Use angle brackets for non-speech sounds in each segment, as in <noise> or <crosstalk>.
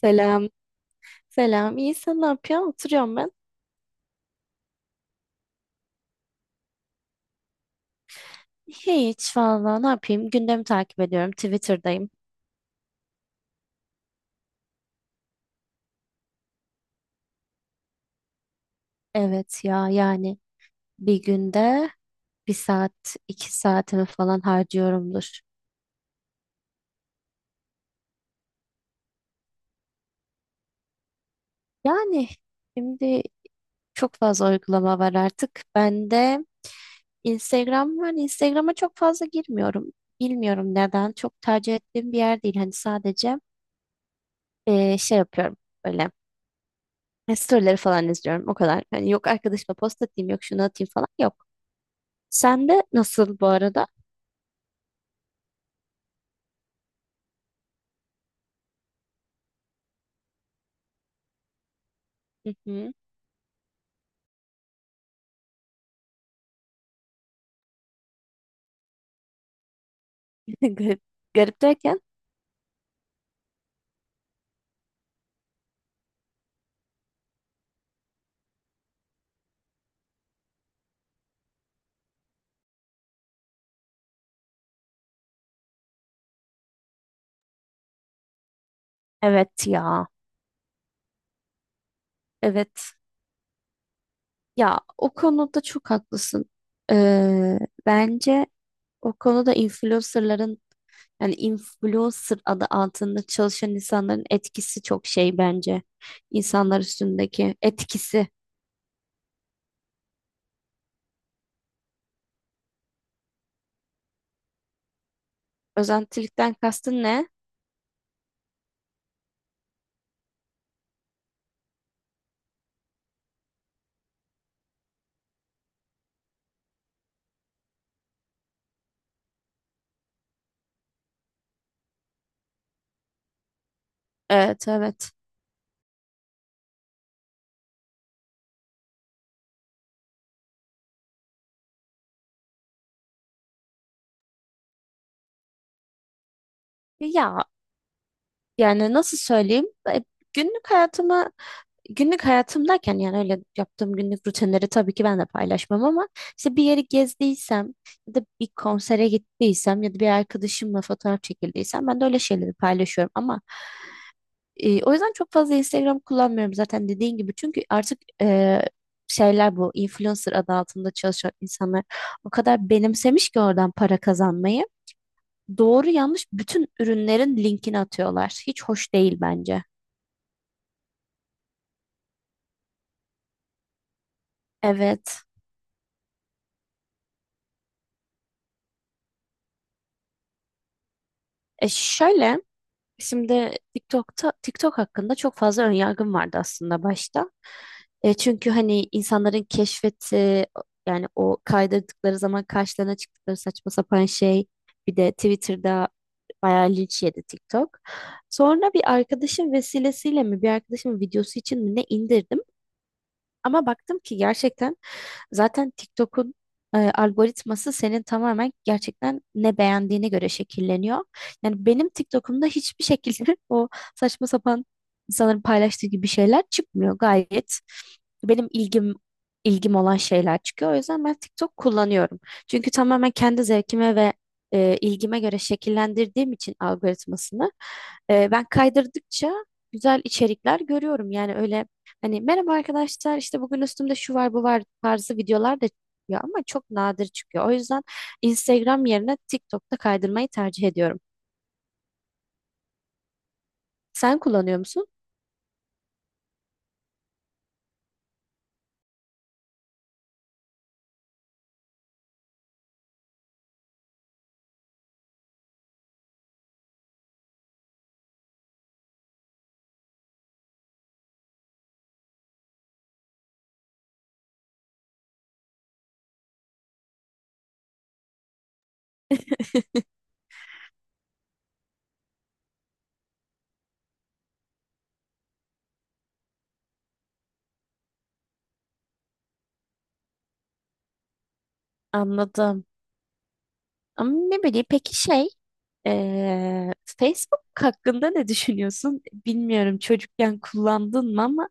Selam. Selam. İyi, sen ne yapıyorsun? Oturuyorum ben. Hiç valla ne yapayım? Gündemi takip ediyorum. Twitter'dayım. Evet ya yani bir günde bir saat iki saatimi falan harcıyorumdur. Yani şimdi çok fazla uygulama var artık. Ben de Instagram var. Instagram'a çok fazla girmiyorum. Bilmiyorum neden. Çok tercih ettiğim bir yer değil. Hani sadece şey yapıyorum böyle. Storyleri falan izliyorum o kadar. Hani yok arkadaşıma post atayım yok şunu atayım falan yok. Sen de nasıl bu arada? Hı hı. <laughs> Garip, garip derken. Evet ya. Evet. Ya o konuda çok haklısın. Ee, bence o konuda influencerların yani influencer adı altında çalışan insanların etkisi çok şey bence. İnsanlar üstündeki etkisi. Özentilikten kastın ne? Evet evet. Ya yani nasıl söyleyeyim? Günlük hayatıma Günlük hayatımdayken yani öyle yaptığım günlük rutinleri tabii ki ben de paylaşmam ama işte bir yeri gezdiysem ya da bir konsere gittiysem ya da bir arkadaşımla fotoğraf çekildiysem ben de öyle şeyleri paylaşıyorum ama o yüzden çok fazla Instagram kullanmıyorum zaten dediğin gibi çünkü artık şeyler bu influencer adı altında çalışan insanlar o kadar benimsemiş ki oradan para kazanmayı doğru yanlış bütün ürünlerin linkini atıyorlar hiç hoş değil bence. Evet. E şöyle Şimdi TikTok hakkında çok fazla önyargım vardı aslında başta. Çünkü hani insanların keşfeti yani o kaydırdıkları zaman karşılarına çıktıkları saçma sapan şey, bir de Twitter'da bayağı linç yedi TikTok. Sonra bir arkadaşım vesilesiyle mi bir arkadaşımın videosu için mi ne indirdim ama baktım ki gerçekten zaten TikTok'un algoritması senin tamamen gerçekten ne beğendiğine göre şekilleniyor. Yani benim TikTok'umda hiçbir şekilde <laughs> o saçma sapan insanların paylaştığı gibi şeyler çıkmıyor. Gayet benim ilgim olan şeyler çıkıyor. O yüzden ben TikTok kullanıyorum. Çünkü tamamen kendi zevkime ve ilgime göre şekillendirdiğim için algoritmasını, ben kaydırdıkça güzel içerikler görüyorum. Yani öyle, hani merhaba arkadaşlar işte bugün üstümde şu var bu var tarzı videolar da çıkıyor ama çok nadir çıkıyor. O yüzden Instagram yerine TikTok'ta kaydırmayı tercih ediyorum. Sen kullanıyor musun? Anladım. Ama ne bileyim peki şey, Facebook hakkında ne düşünüyorsun? Bilmiyorum çocukken kullandın mı ama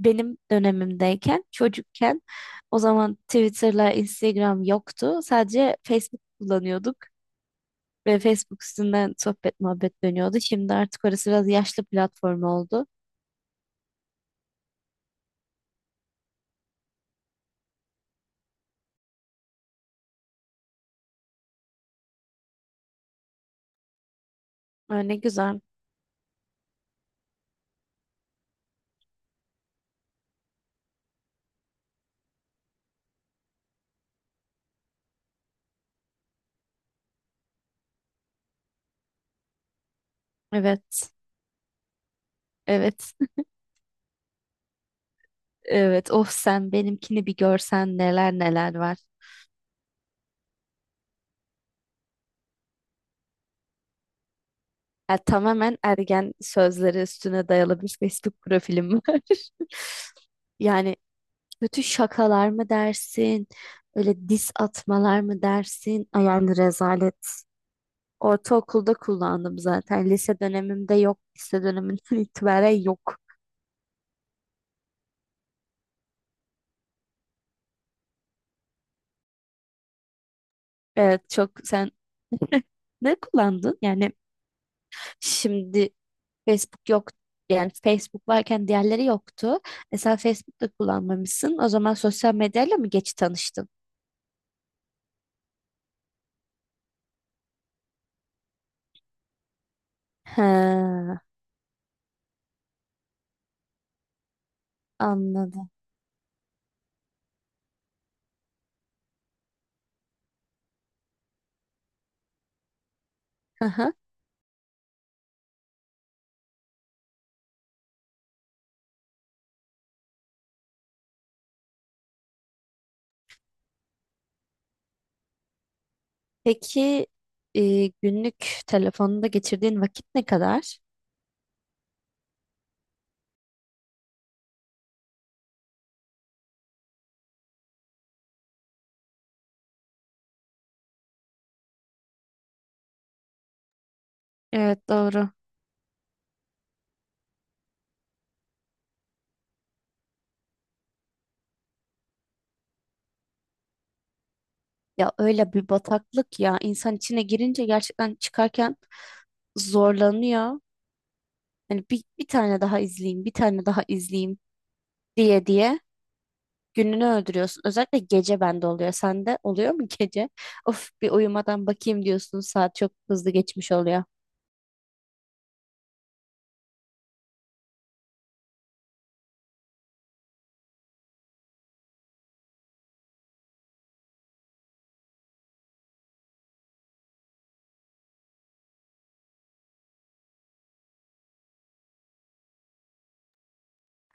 benim dönemimdeyken, çocukken, o zaman Twitter'la Instagram yoktu. Sadece Facebook kullanıyorduk. Ve Facebook üstünden sohbet muhabbet dönüyordu. Şimdi artık orası biraz yaşlı platform oldu. Aa, ne güzel. Evet. Evet. <laughs> Evet. Of sen benimkini bir görsen, neler neler var. Ya, tamamen ergen sözleri üstüne dayalı bir Facebook profilim var. <laughs> Yani kötü şakalar mı dersin? Öyle diss atmalar mı dersin? Ay yani rezalet. Ortaokulda kullandım zaten. Lise dönemimde yok. Lise döneminden <laughs> itibaren yok. Evet, çok sen. Ne kullandın? Yani şimdi Facebook yok. Yani Facebook varken diğerleri yoktu. Mesela Facebook'ta kullanmamışsın. O zaman sosyal medyayla mı geç tanıştın? Ha, anladım. Hı hı. Peki günlük telefonunda geçirdiğin vakit ne kadar? Evet, doğru. Ya öyle bir bataklık ya. İnsan içine girince gerçekten çıkarken zorlanıyor. Hani bir tane daha izleyeyim, bir tane daha izleyeyim diye diye. Gününü öldürüyorsun. Özellikle gece bende oluyor. Sende oluyor mu gece? Of, bir uyumadan bakayım diyorsun. Saat çok hızlı geçmiş oluyor.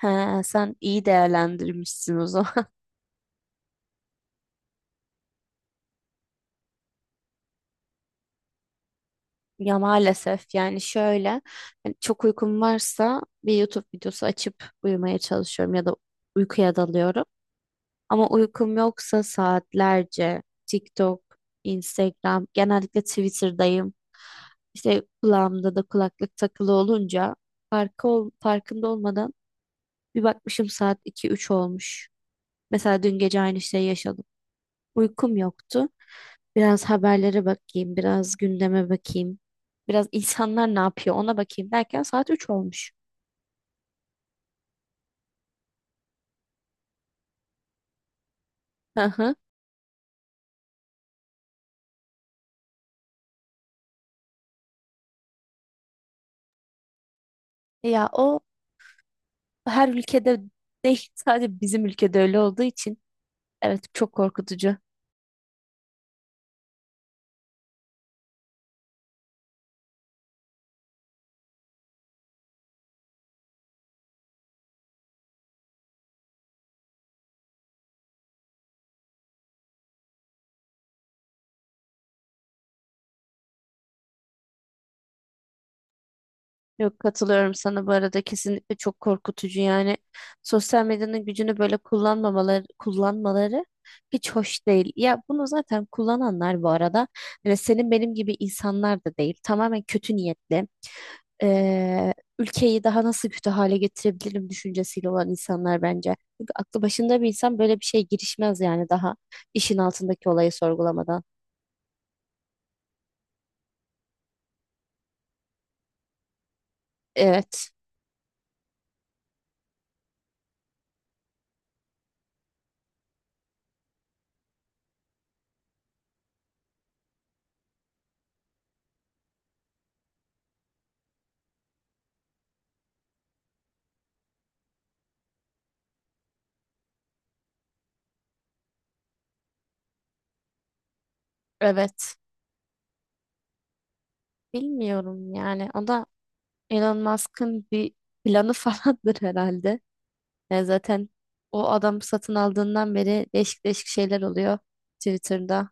He, sen iyi değerlendirmişsin o zaman. <laughs> Ya maalesef, yani şöyle, hani çok uykum varsa bir YouTube videosu açıp uyumaya çalışıyorum ya da uykuya dalıyorum. Ama uykum yoksa saatlerce TikTok, Instagram, genellikle Twitter'dayım. İşte kulağımda da kulaklık takılı olunca farkında olmadan bir bakmışım saat iki üç olmuş. Mesela dün gece aynı şeyi yaşadım. Uykum yoktu. Biraz haberlere bakayım, biraz gündeme bakayım. Biraz insanlar ne yapıyor ona bakayım derken saat 3 olmuş. Hı hı. Ya o her ülkede değil, sadece bizim ülkede öyle olduğu için, evet, çok korkutucu. Yok, katılıyorum sana bu arada, kesinlikle çok korkutucu yani. Sosyal medyanın gücünü böyle kullanmaları hiç hoş değil. Ya bunu zaten kullananlar bu arada hani senin benim gibi insanlar da değil, tamamen kötü niyetli, ülkeyi daha nasıl kötü hale getirebilirim düşüncesiyle olan insanlar bence. Çünkü aklı başında bir insan böyle bir şeye girişmez yani, daha işin altındaki olayı sorgulamadan. Evet evet, bilmiyorum yani, o da Elon Musk'ın bir planı <laughs> falandır herhalde. Yani zaten o adam satın aldığından beri değişik değişik şeyler oluyor Twitter'da.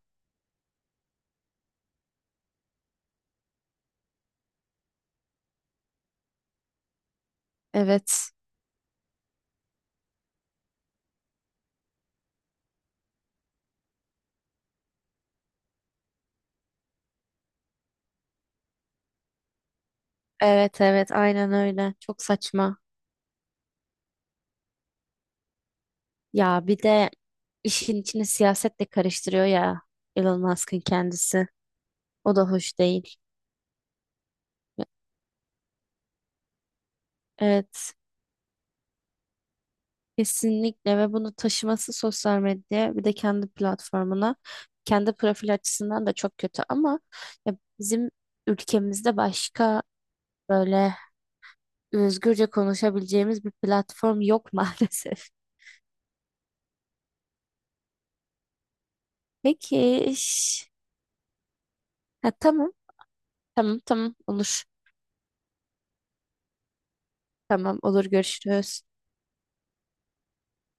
Evet. Evet evet, aynen öyle. Çok saçma. Ya bir de işin içine siyaset de karıştırıyor ya, Elon Musk'ın kendisi. O da hoş değil. Evet. Kesinlikle. Ve bunu taşıması sosyal medyaya, bir de kendi platformuna, kendi profil açısından da çok kötü ama ya bizim ülkemizde başka böyle özgürce konuşabileceğimiz bir platform yok <laughs> maalesef. Peki. Şş. Ha, tamam. Tamam tamam, olur. Tamam, olur, görüşürüz.